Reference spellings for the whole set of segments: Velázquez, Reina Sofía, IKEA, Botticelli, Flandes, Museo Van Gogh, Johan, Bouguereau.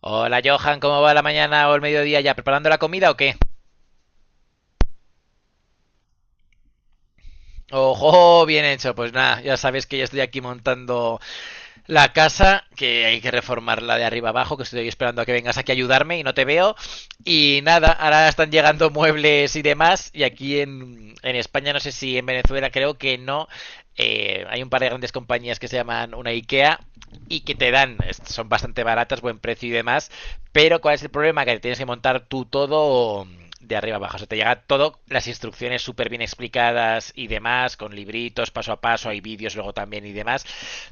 Hola Johan, ¿cómo va la mañana o el mediodía ya? ¿Preparando la comida o qué? Ojo, bien hecho. Pues nada, ya sabes que ya estoy aquí montando la casa, que hay que reformarla de arriba abajo, que estoy esperando a que vengas aquí a ayudarme y no te veo. Y nada, ahora están llegando muebles y demás. Y aquí en España, no sé si en Venezuela, creo que no. Hay un par de grandes compañías que se llaman una IKEA y que te dan, son bastante baratas, buen precio y demás. Pero ¿cuál es el problema? Que tienes que montar tú todo de arriba abajo. O sea, te llega todo, las instrucciones súper bien explicadas y demás, con libritos paso a paso, hay vídeos luego también y demás.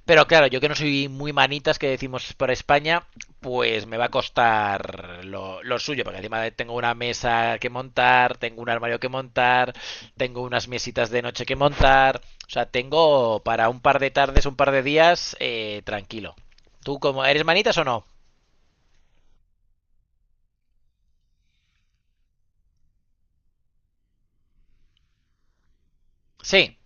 Pero claro, yo que no soy muy manitas, que decimos por España, pues me va a costar lo suyo, porque encima tengo una mesa que montar, tengo un armario que montar, tengo unas mesitas de noche que montar. O sea, tengo para un par de tardes, un par de días, tranquilo. ¿Tú cómo, eres manitas o no? Sí,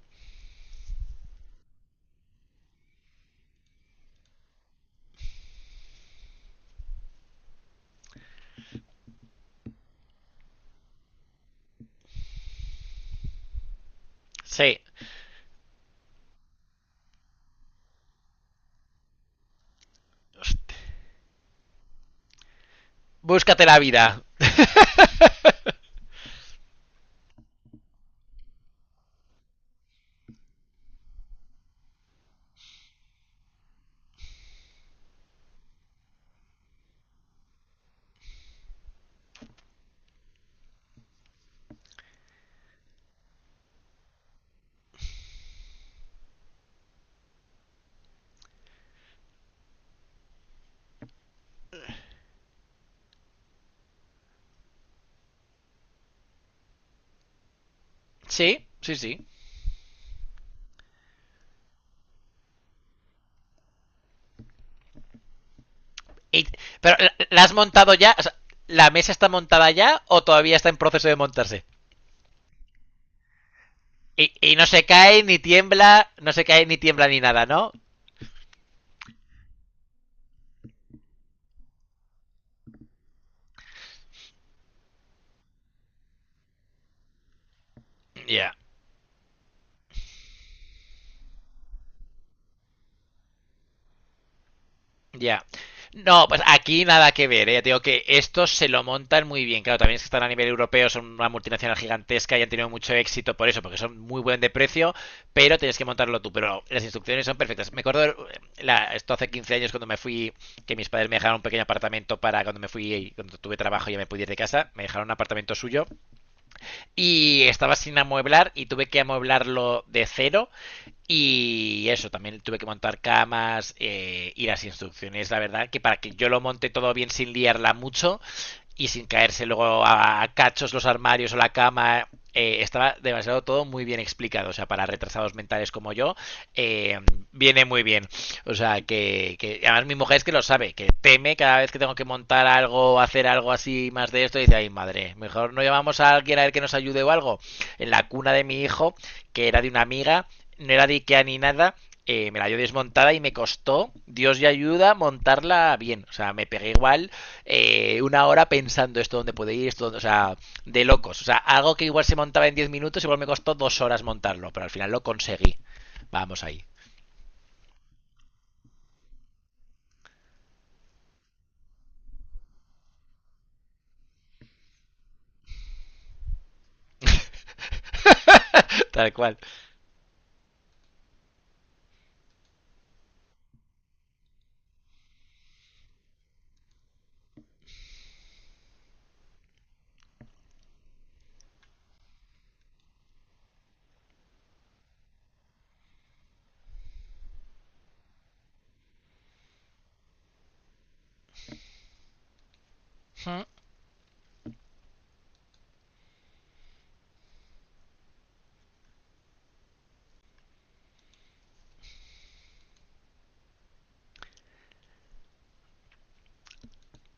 sí. Búscate la vida. Sí, sí, sí. Y- pero, ¿la has montado ya? O sea, ¿la mesa está montada ya o todavía está en proceso de montarse? Y no se cae ni tiembla, no se cae ni tiembla ni nada, ¿no? Ya, yeah, ya. Yeah. No, pues aquí nada que ver, ¿eh? Ya te digo que estos se lo montan muy bien. Claro, también es que están a nivel europeo, son una multinacional gigantesca y han tenido mucho éxito por eso, porque son muy buen de precio, pero tienes que montarlo tú. Pero las instrucciones son perfectas. Me acuerdo, esto hace 15 años cuando me fui, que mis padres me dejaron un pequeño apartamento para cuando me fui, cuando tuve trabajo y ya me pude ir de casa, me dejaron un apartamento suyo y estaba sin amueblar y tuve que amueblarlo de cero. Y eso, también tuve que montar camas, y las instrucciones, la verdad, que para que yo lo monte todo bien sin liarla mucho, y sin caerse luego a cachos los armarios o la cama. Estaba demasiado todo muy bien explicado. O sea, para retrasados mentales como yo, eh, viene muy bien. O sea, que, además mi mujer es que lo sabe, que teme cada vez que tengo que montar algo, hacer algo así más de esto, y dice, ay madre, mejor no llamamos a alguien a ver que nos ayude o algo. En la cuna de mi hijo, que era de una amiga, no era de Ikea ni nada, me la dio desmontada y me costó, Dios y ayuda, montarla bien. O sea, me pegué igual 1 hora pensando esto dónde puede ir, esto dónde, o sea, de locos. O sea, algo que igual se montaba en 10 minutos, igual me costó 2 horas montarlo, pero al final lo conseguí. Vamos ahí, tal cual. ¿Mm?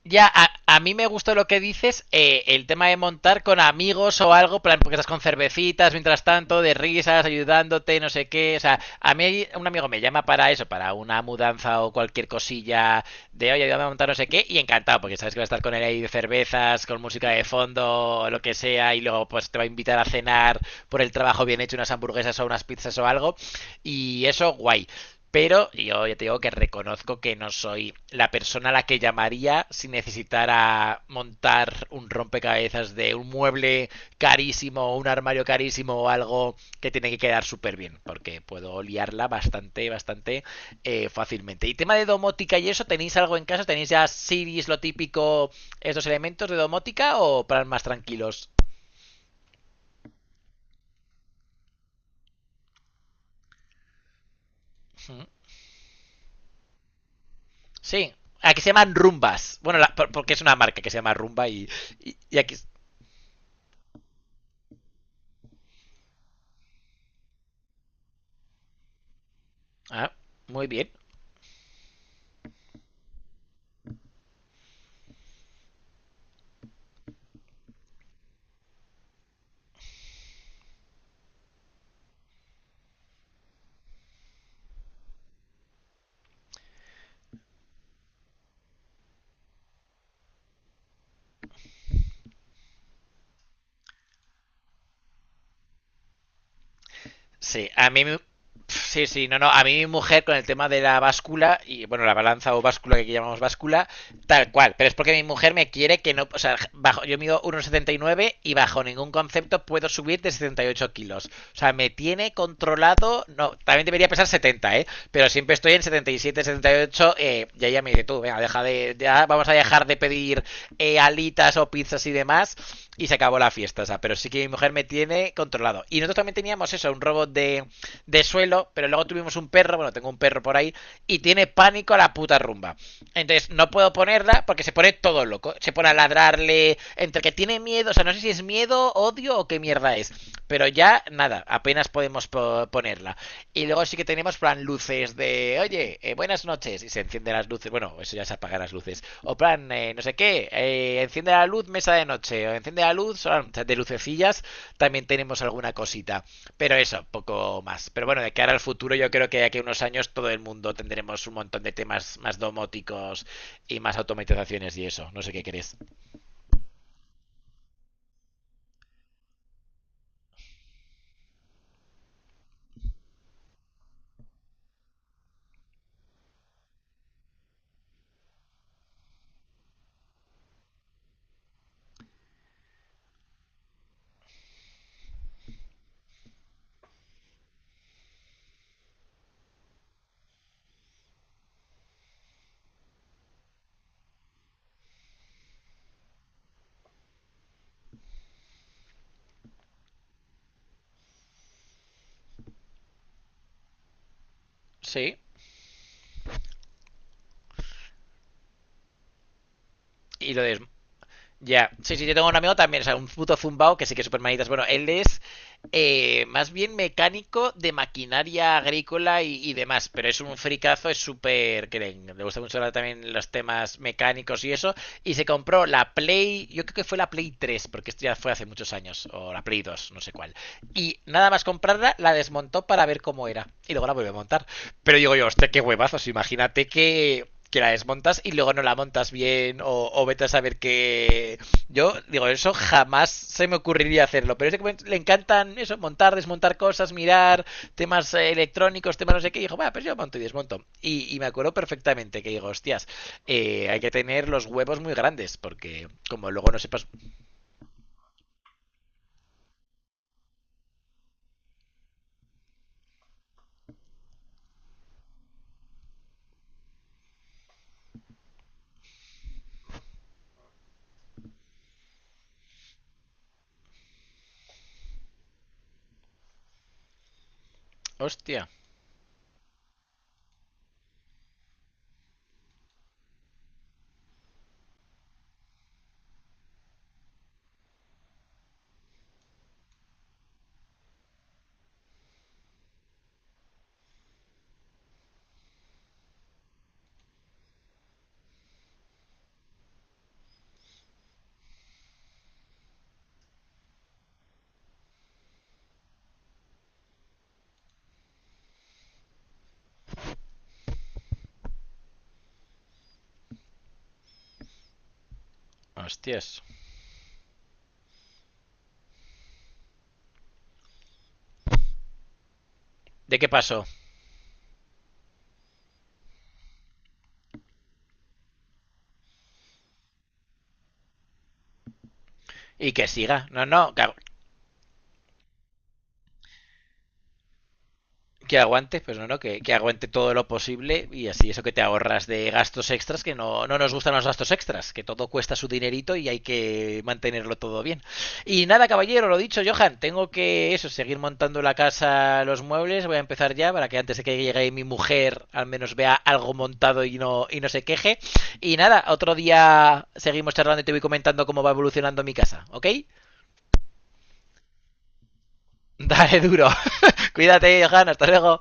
Ya, a mí me gustó lo que dices, el tema de montar con amigos o algo, plan, porque estás con cervecitas mientras tanto, de risas, ayudándote, no sé qué. O sea, a mí un amigo me llama para eso, para una mudanza o cualquier cosilla de, oye, ayúdame a montar no sé qué, y encantado, porque sabes que va a estar con él ahí de cervezas, con música de fondo, o lo que sea, y luego pues te va a invitar a cenar por el trabajo bien hecho, unas hamburguesas o unas pizzas o algo. Y eso, guay. Pero yo ya te digo que reconozco que no soy la persona a la que llamaría si necesitara montar un rompecabezas de un mueble carísimo, un armario carísimo o algo que tiene que quedar súper bien, porque puedo liarla bastante, bastante, fácilmente. Y tema de domótica y eso, ¿tenéis algo en casa? ¿Tenéis ya series, lo típico, estos elementos de domótica o plan más tranquilos? Sí. Aquí se llaman rumbas. Bueno, porque es una marca que se llama rumba y, y aquí. Ah, muy bien. Sí, a mí me-. Sí, sí, no, no. A mí mi mujer con el tema de la báscula, y bueno, la balanza o báscula que aquí llamamos báscula, tal cual. Pero es porque mi mujer me quiere que no. O sea, bajo, yo mido uno 79 y bajo ningún concepto puedo subir de 78 kilos. O sea, me tiene controlado. No, también debería pesar 70, ¿eh? Pero siempre estoy en setenta y 78. Y ella me dice, tú, venga, deja de. Ya vamos a dejar de pedir alitas o pizzas y demás, y se acabó la fiesta. O sea, pero sí que mi mujer me tiene controlado. Y nosotros también teníamos eso, un robot de suelo, pero luego tuvimos un perro, bueno, tengo un perro por ahí, y tiene pánico a la puta rumba. Entonces, no puedo ponerla porque se pone todo loco. Se pone a ladrarle, entre que tiene miedo, o sea, no sé si es miedo, odio o qué mierda es. Pero ya, nada, apenas podemos ponerla. Y luego sí que tenemos plan luces de, oye, buenas noches, y se encienden las luces, bueno, eso ya se apagan las luces. O plan, no sé qué, enciende la luz, mesa de noche, o enciende la luz, de lucecillas, también tenemos alguna cosita. Pero eso, poco más. Pero bueno, de cara al futuro, yo creo que de aquí a unos años todo el mundo tendremos un montón de temas más domóticos y más automatizaciones y eso. No sé qué querés. Sí. Y lo de. Ya, sí, sí, yo tengo un amigo también, o sea, un puto zumbao que sí que es súper manitas. Bueno, él es más bien mecánico de maquinaria agrícola y demás, pero es un fricazo, es súper, que le gusta mucho hablar también los temas mecánicos y eso, y se compró la Play, yo creo que fue la Play 3, porque esto ya fue hace muchos años, o la Play 2, no sé cuál. Y nada más comprarla, la desmontó para ver cómo era, y luego la volvió a montar. Pero digo yo, hostia, qué huevazos, imagínate que la desmontas y luego no la montas bien o vete a saber que yo digo eso jamás se me ocurriría hacerlo, pero es que le encantan eso, montar, desmontar cosas, mirar temas electrónicos, temas no sé qué, y dijo va, pues yo monto y desmonto, y me acuerdo perfectamente que digo hostias, hay que tener los huevos muy grandes porque como luego no sepas. Hostia, hostias, de qué pasó. Y que siga, no, no, claro, que aguantes, pues no, no, que, aguante todo lo posible y así eso que te ahorras de gastos extras, que no, no nos gustan los gastos extras, que todo cuesta su dinerito y hay que mantenerlo todo bien. Y nada, caballero, lo dicho, Johan, tengo que eso, seguir montando la casa, los muebles, voy a empezar ya para que antes de que llegue mi mujer al menos vea algo montado y no se queje. Y nada, otro día seguimos charlando y te voy comentando cómo va evolucionando mi casa, ¿ok? Dale duro. Cuídate, Johan, hasta luego.